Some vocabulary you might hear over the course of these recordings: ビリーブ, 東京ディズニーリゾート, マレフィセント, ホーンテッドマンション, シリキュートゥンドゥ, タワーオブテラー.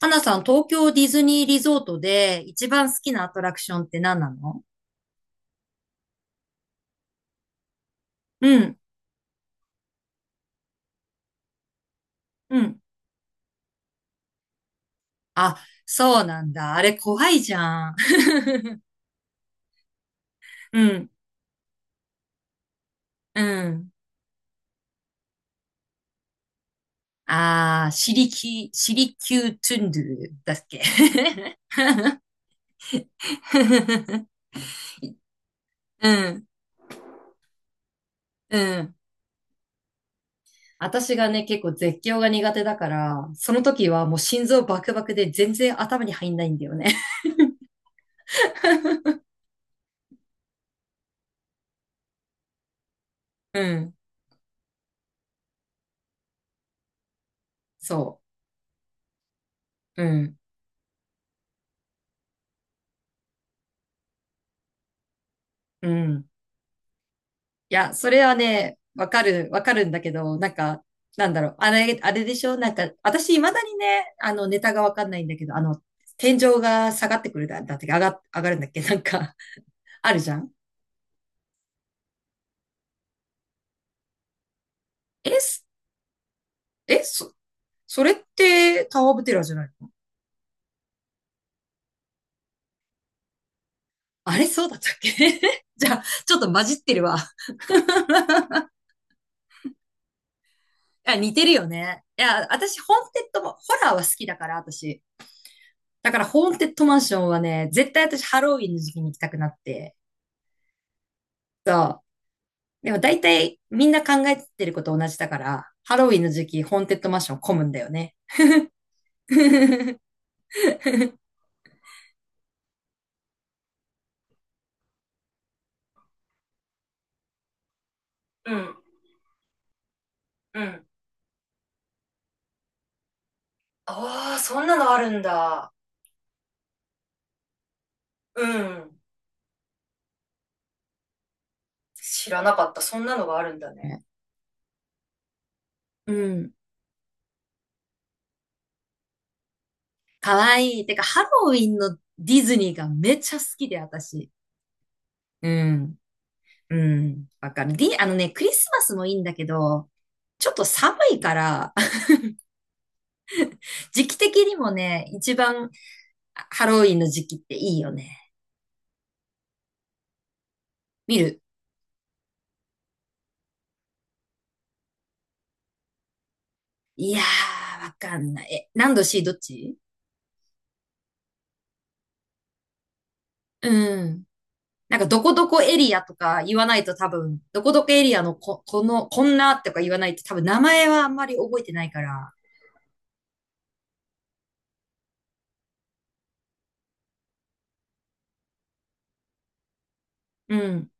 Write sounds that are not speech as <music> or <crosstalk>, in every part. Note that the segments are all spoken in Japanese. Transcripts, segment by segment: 花さん、東京ディズニーリゾートで一番好きなアトラクションって何なの？うん、うん。あ、そうなんだ。あれ怖いじゃん。<laughs> うん、うん。ああ、シリキュートゥンドゥだっけ？ <laughs> うん、うん。私がね、結構絶叫が苦手だから、その時はもう心臓バクバクで全然頭に入んないんだよね。<laughs> うん、そう。うん、うん。いや、それはね、わかる、わかるんだけど、なんか、なんだろう、あれでしょなんか、私、未だにね、ネタがわかんないんだけど、天井が下がってくるだって、上がるんだっけなんか、あるじゃん。え、すえ、そ、それって、タワーオブテラーじゃないの？あれ、そうだったっけ？ <laughs> じゃあ、ちょっと混じってるわ。いや、似てるよね。いや、私、ホーンテッドも、ホラーは好きだから、私。だから、ホーンテッドマンションはね、絶対私、ハロウィンの時期に行きたくなって、そう。でも大体みんな考えてること同じだから、ハロウィンの時期、ホーンテッドマンション混むんだよね。<laughs> うん、うん。ああ、そんなのあるんだ。うん。知らなかった。そんなのがあるんだね。ね。うん。かわいい。てか、ハロウィンのディズニーがめちゃ好きで、私。うん。うん。わかる。あのね、クリスマスもいいんだけど、ちょっと寒いから、<laughs> 時期的にもね、一番ハロウィンの時期っていいよね。見る。いやー、わかんない。え、何度 C どっち？うん。なんか、どこどこエリアとか言わないと多分、どこどこエリアのこんなとか言わないと多分、名前はあんまり覚えてないから、うん。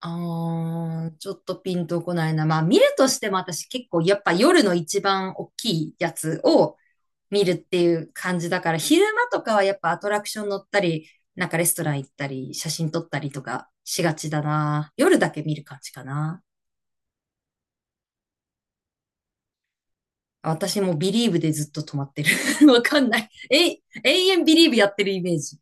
あー、ちょっとピンとこないな。まあ、見るとしても私結構、やっぱ夜の一番大きいやつを見るっていう感じだから、昼間とかはやっぱアトラクション乗ったり、なんかレストラン行ったり、写真撮ったりとかしがちだな。夜だけ見る感じかな。私もビリーブでずっと止まってる。<laughs> わかんない。永遠ビリーブやってるイメージ。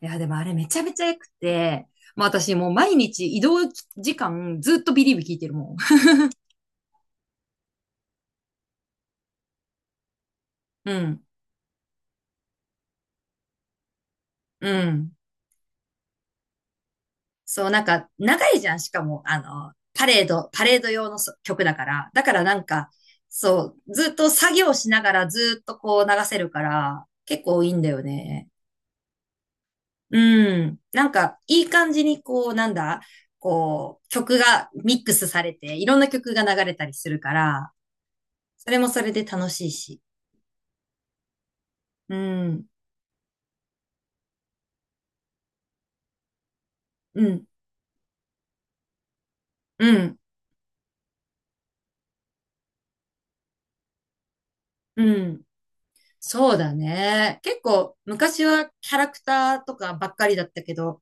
いや、でもあれめちゃめちゃ良くて、まあ私もう毎日移動時間ずっとビリーブ聞いてるもん。<laughs> うん、うん。そう、なんか長いじゃん。しかも、パレード用の曲だから。だからなんか、そう、ずっと作業しながらずっとこう流せるから、結構いいんだよね。うん。なんか、いい感じに、こう、なんだ、こう、曲がミックスされて、いろんな曲が流れたりするから、それもそれで楽しいし。うん、うん、うん、うん。そうだね。結構、昔はキャラクターとかばっかりだったけど、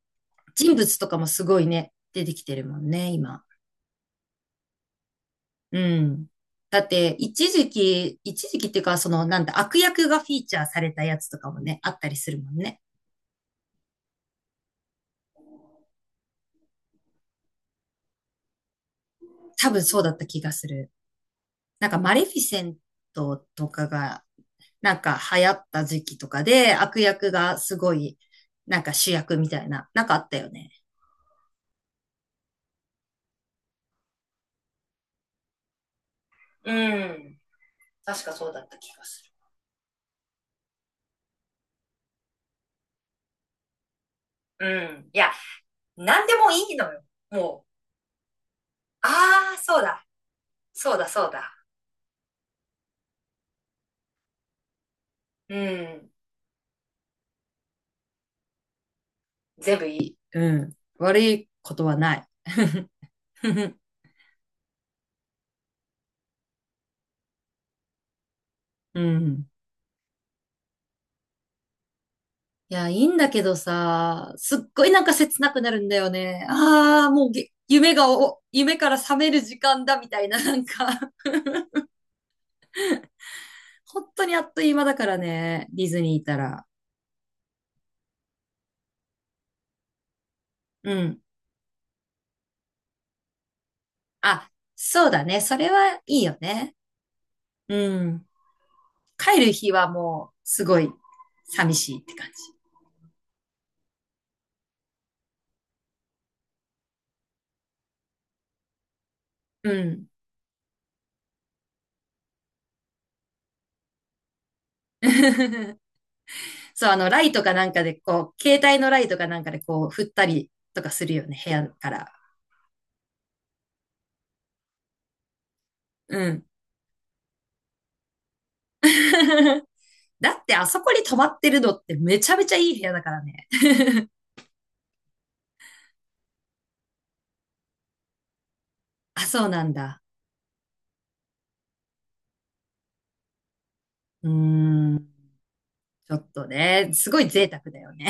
人物とかもすごいね、出てきてるもんね、今。うん。だって、一時期、一時期っていうか、その、なんだ、悪役がフィーチャーされたやつとかもね、あったりするもんね。多分そうだった気がする。なんかマレフィセントとかが、なんか流行った時期とかで、悪役がすごい、なんか主役みたいな、なんかあったよね。うん。確かそうだった気がする。うん。いや、なんでもいいのよ。もう、ああ、そうだ。そうだ、そうだ。うん。全部いい。うん。悪いことはない。<laughs> うん。いや、いいんだけどさ、すっごいなんか切なくなるんだよね。ああ、もう夢が夢から覚める時間だみたいな、なんか。 <laughs> 本当にあっという間だからね、ディズニーいたら。うん。あ、そうだね。それはいいよね。うん。帰る日はもう、すごい、寂しいって感じ。うん。<laughs> そう、ライトかなんかで、こう、携帯のライトかなんかで、こう、振ったりとかするよね、部屋から。うん。<laughs> だってあそこに泊まってるのってめちゃめちゃいい部屋だからね。<laughs> あ、そうなんだ。うーん。ちょっとね、すごい贅沢だよね。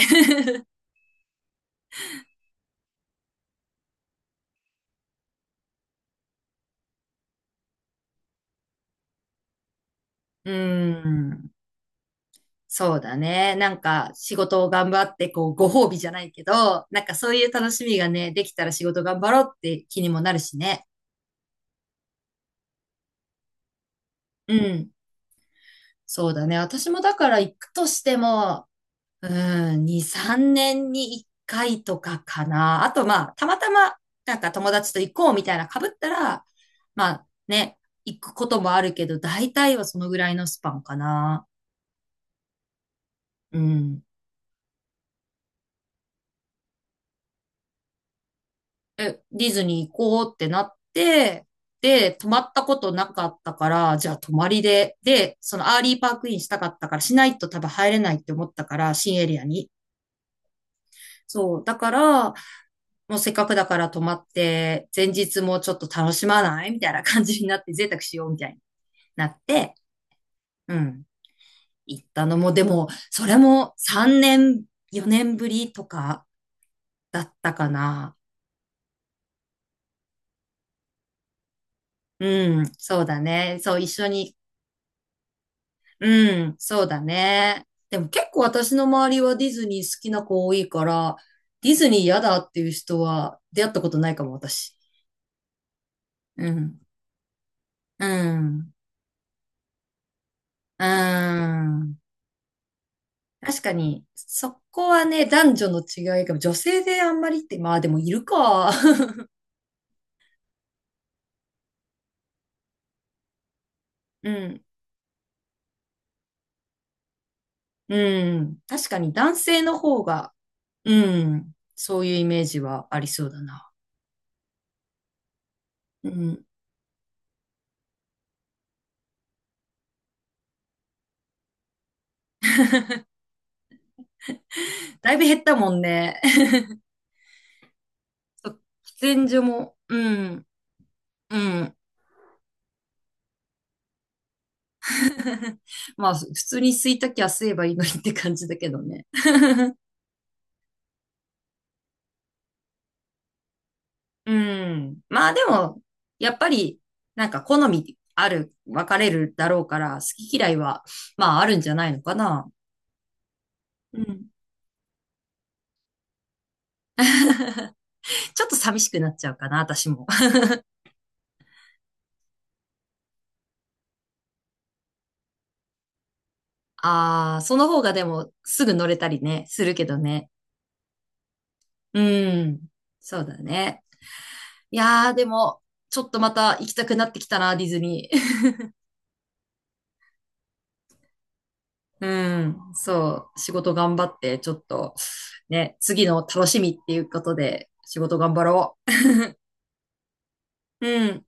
<laughs> うーん。そうだね。なんか仕事を頑張って、こう、ご褒美じゃないけど、なんかそういう楽しみがね、できたら仕事頑張ろうって気にもなるしね。うん。そうだね。私もだから行くとしても、うん、2、3年に1回とかかな。あと、まあ、たまたま、なんか友達と行こうみたいな被ったら、まあね、行くこともあるけど、大体はそのぐらいのスパンかな。うん。え、ディズニー行こうってなって、で、泊まったことなかったから、じゃあ泊まりで、で、そのアーリーパークインしたかったから、しないと多分入れないって思ったから、新エリアに。そう。だから、もうせっかくだから泊まって、前日もちょっと楽しまないみたいな感じになって、贅沢しようみたいになって、うん、行ったのも、でも、それも3年、4年ぶりとかだったかな。うん、そうだね。そう、一緒に。うん、そうだね。でも結構私の周りはディズニー好きな子多いから、ディズニー嫌だっていう人は出会ったことないかも、私。うん、うん、うん。確かに、そこはね、男女の違いが、女性であんまりって、まあでもいるか。<laughs> うん。うん。確かに男性の方が、うん。そういうイメージはありそうだな。うん。<laughs> だいぶ減ったもんね。<laughs> そう、喫煙所も、うん。うん。<laughs> まあ、普通に吸いたきゃ吸えばいいのにって感じだけどね。<laughs> うん。まあでも、やっぱり、なんか好みある、分かれるだろうから、好き嫌いは、まああるんじゃないのかな。うん。<laughs> ちょっと寂しくなっちゃうかな、私も。<laughs> ああ、その方がでも、すぐ乗れたりね、するけどね。うん。そうだね。いやー、でも、ちょっとまた行きたくなってきたな、ディズニー。<laughs> うん。そう。仕事頑張って、ちょっと、ね、次の楽しみっていうことで、仕事頑張ろう。うん。